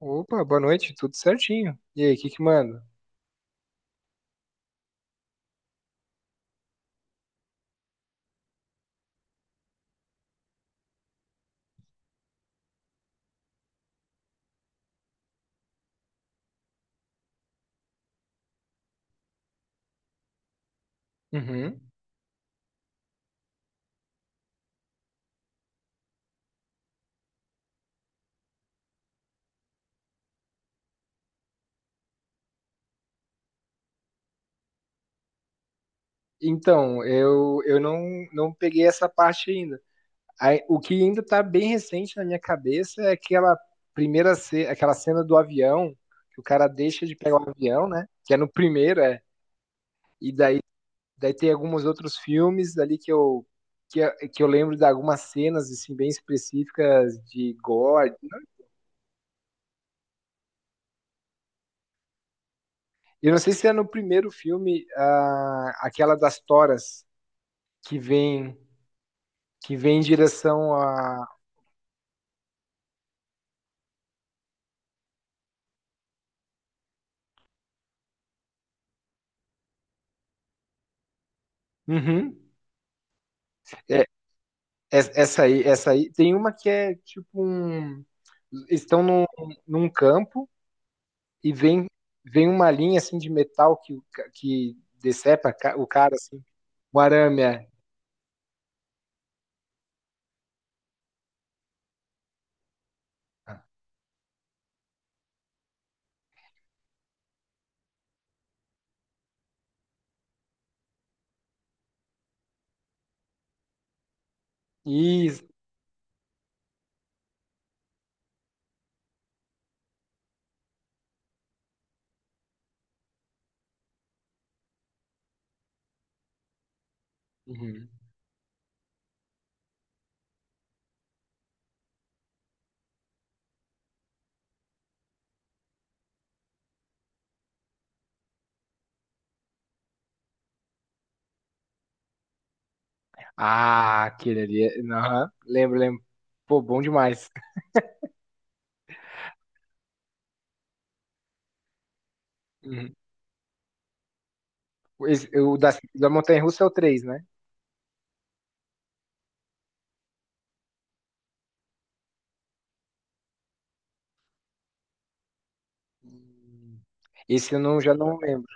Opa, boa noite, tudo certinho. E aí, o que que manda? Uhum. Então, eu não peguei essa parte ainda. Aí, o que ainda tá bem recente na minha cabeça é aquela cena do avião, que o cara deixa de pegar o avião, né? Que é no primeiro, é. E daí tem alguns outros filmes ali que eu lembro de algumas cenas assim, bem específicas de gore. Eu não sei se é no primeiro filme, ah, aquela das toras que vem. que vem em direção a. Uhum. É, é- essa aí, essa aí. Tem uma que é tipo um. Estão num campo e vem uma linha assim de metal que decepa o cara assim. O arame é. Isso. Uhum. Ah, aquele ali. Aham. Lembro, lembro. Pô, bom demais. Uhum. O da Montanha-Russa é o três, né? Esse eu já não lembro.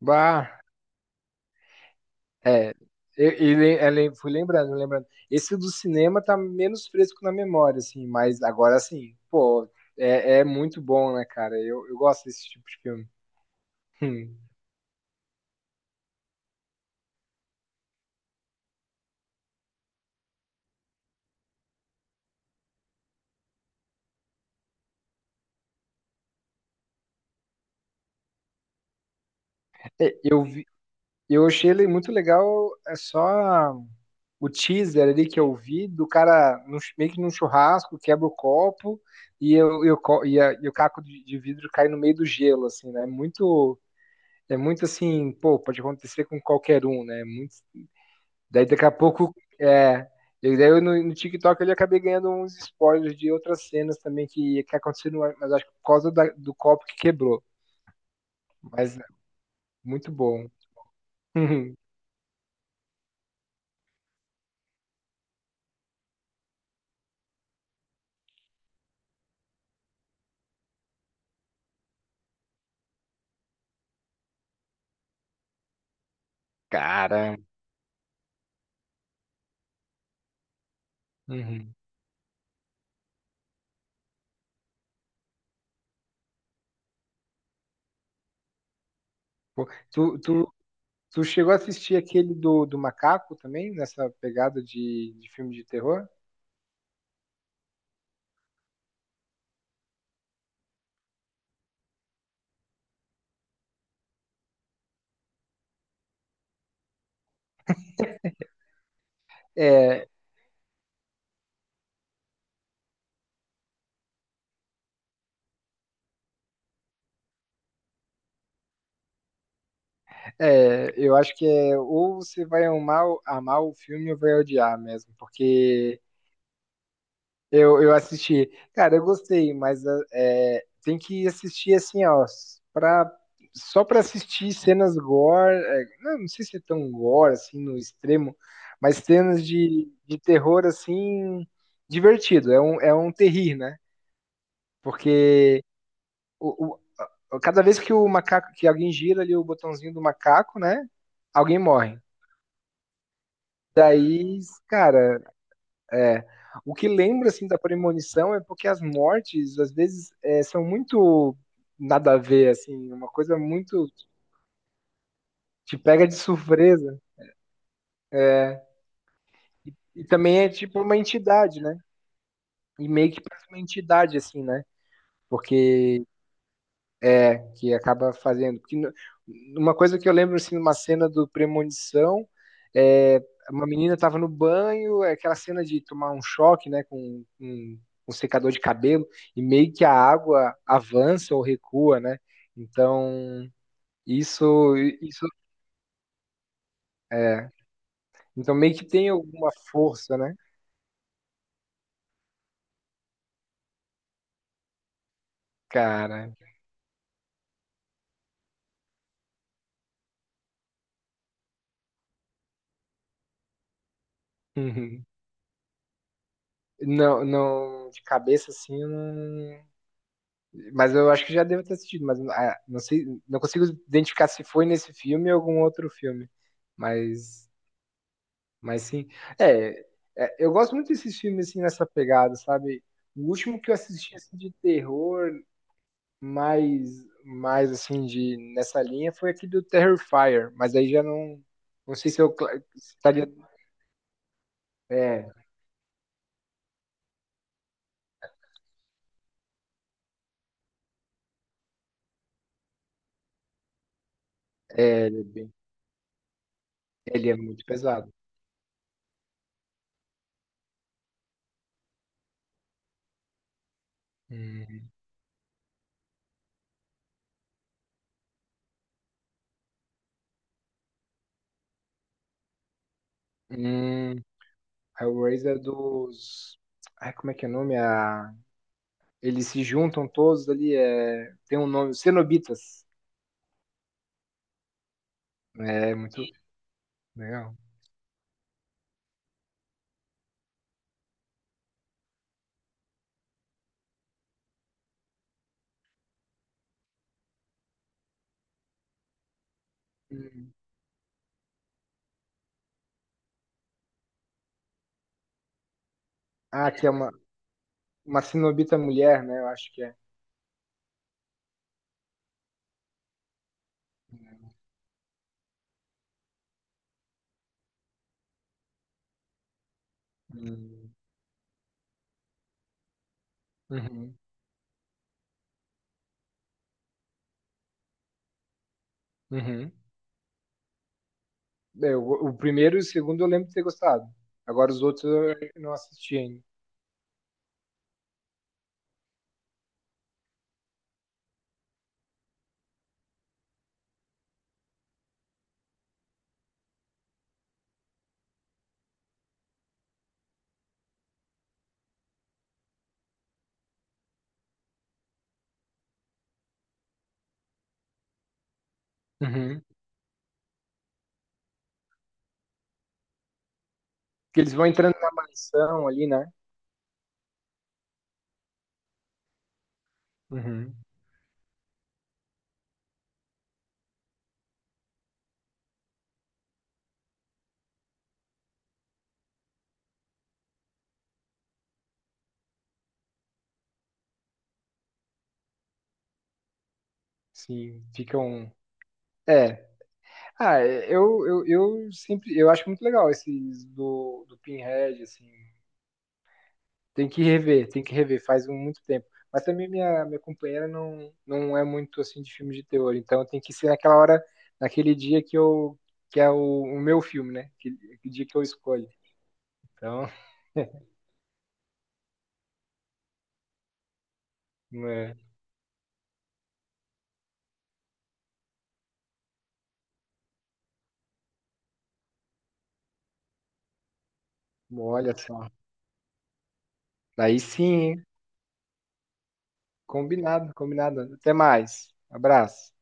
Bah. É, eu le- eu lem- fui lembrando, lembrando. Esse do cinema tá menos fresco na memória, assim, mas agora sim, pô, é muito bom, né, cara? Eu gosto desse tipo de filme. Hum. É, eu achei ele muito legal, é só o teaser ali que eu vi do cara meio que num churrasco, quebra o copo e, eu co- e, a- e o caco de vidro cai no meio do gelo, assim, né? É muito assim, pô, pode acontecer com qualquer um, né? Daí daqui a pouco, é, e daí eu no TikTok eu acabei ganhando uns spoilers de outras cenas também que aconteceram, mas acho que por causa do copo que quebrou. Mas é muito bom. Cara. Uhum. Pô, Tu chegou a assistir aquele do macaco também, nessa pegada de filme de terror? É, é, eu acho que é ou você vai amar, amar o filme ou vai odiar mesmo, porque eu assisti. Cara, eu gostei, mas ah, tem que assistir assim, ó, pra, só pra assistir cenas gore. Não sei se é tão gore, assim, no extremo, mas cenas de terror, assim, divertido. É um terrir, né? Porque o, cada vez que o macaco, que alguém gira ali o botãozinho do macaco, né? Alguém morre. Daí, cara. É. O que lembra assim da premonição é porque as mortes às vezes são muito nada a ver assim, uma coisa muito te pega de surpresa. E também é tipo uma entidade, né? E meio que parece uma entidade assim, né? Porque que acaba fazendo. Porque no- uma coisa que eu lembro, assim, numa cena do Premonição, é, uma menina estava no banho, é aquela cena de tomar um choque, né, com um secador de cabelo, e meio que a água avança ou recua, né? Então, isso, isso, é. Então, meio que tem alguma força, né, cara? Não, não, de cabeça assim, eu não. Mas eu acho que já devo ter assistido, mas ah, não sei, não consigo identificar se foi nesse filme ou algum outro filme. Mas, mas sim. É, é, eu gosto muito desses filmes assim nessa pegada, sabe? O último que eu assisti assim, de terror, mais assim de nessa linha foi aquele do Terrifier, mas aí já não sei se eu se estaria. É, é, ele é bem- ele é muito pesado. Hum, hum, Hellraiser é dos. Ai, como é que é o nome? Eles se juntam todos ali, tem um nome, cenobitas. Né, é muito legal. Hum. Ah, que é uma cenobita mulher, né? Eu acho que é. Hum. Uhum. Uhum. É, o primeiro e o segundo eu lembro de ter gostado. Agora os outros eu não assisti ainda. Uhum. Porque eles vão entrando na mansão ali, né? Uhum. Sim, ficam. É. Ah, eu sempre. Eu acho muito legal esses do Pinhead, assim. Tem que rever, faz muito tempo. Mas também minha companheira não é muito assim de filme de terror, então tem que ser naquela hora, naquele dia que é o meu filme, né? Que dia que eu escolho. Então, é, olha só. Daí sim, hein? Combinado, combinado. Até mais. Abraço.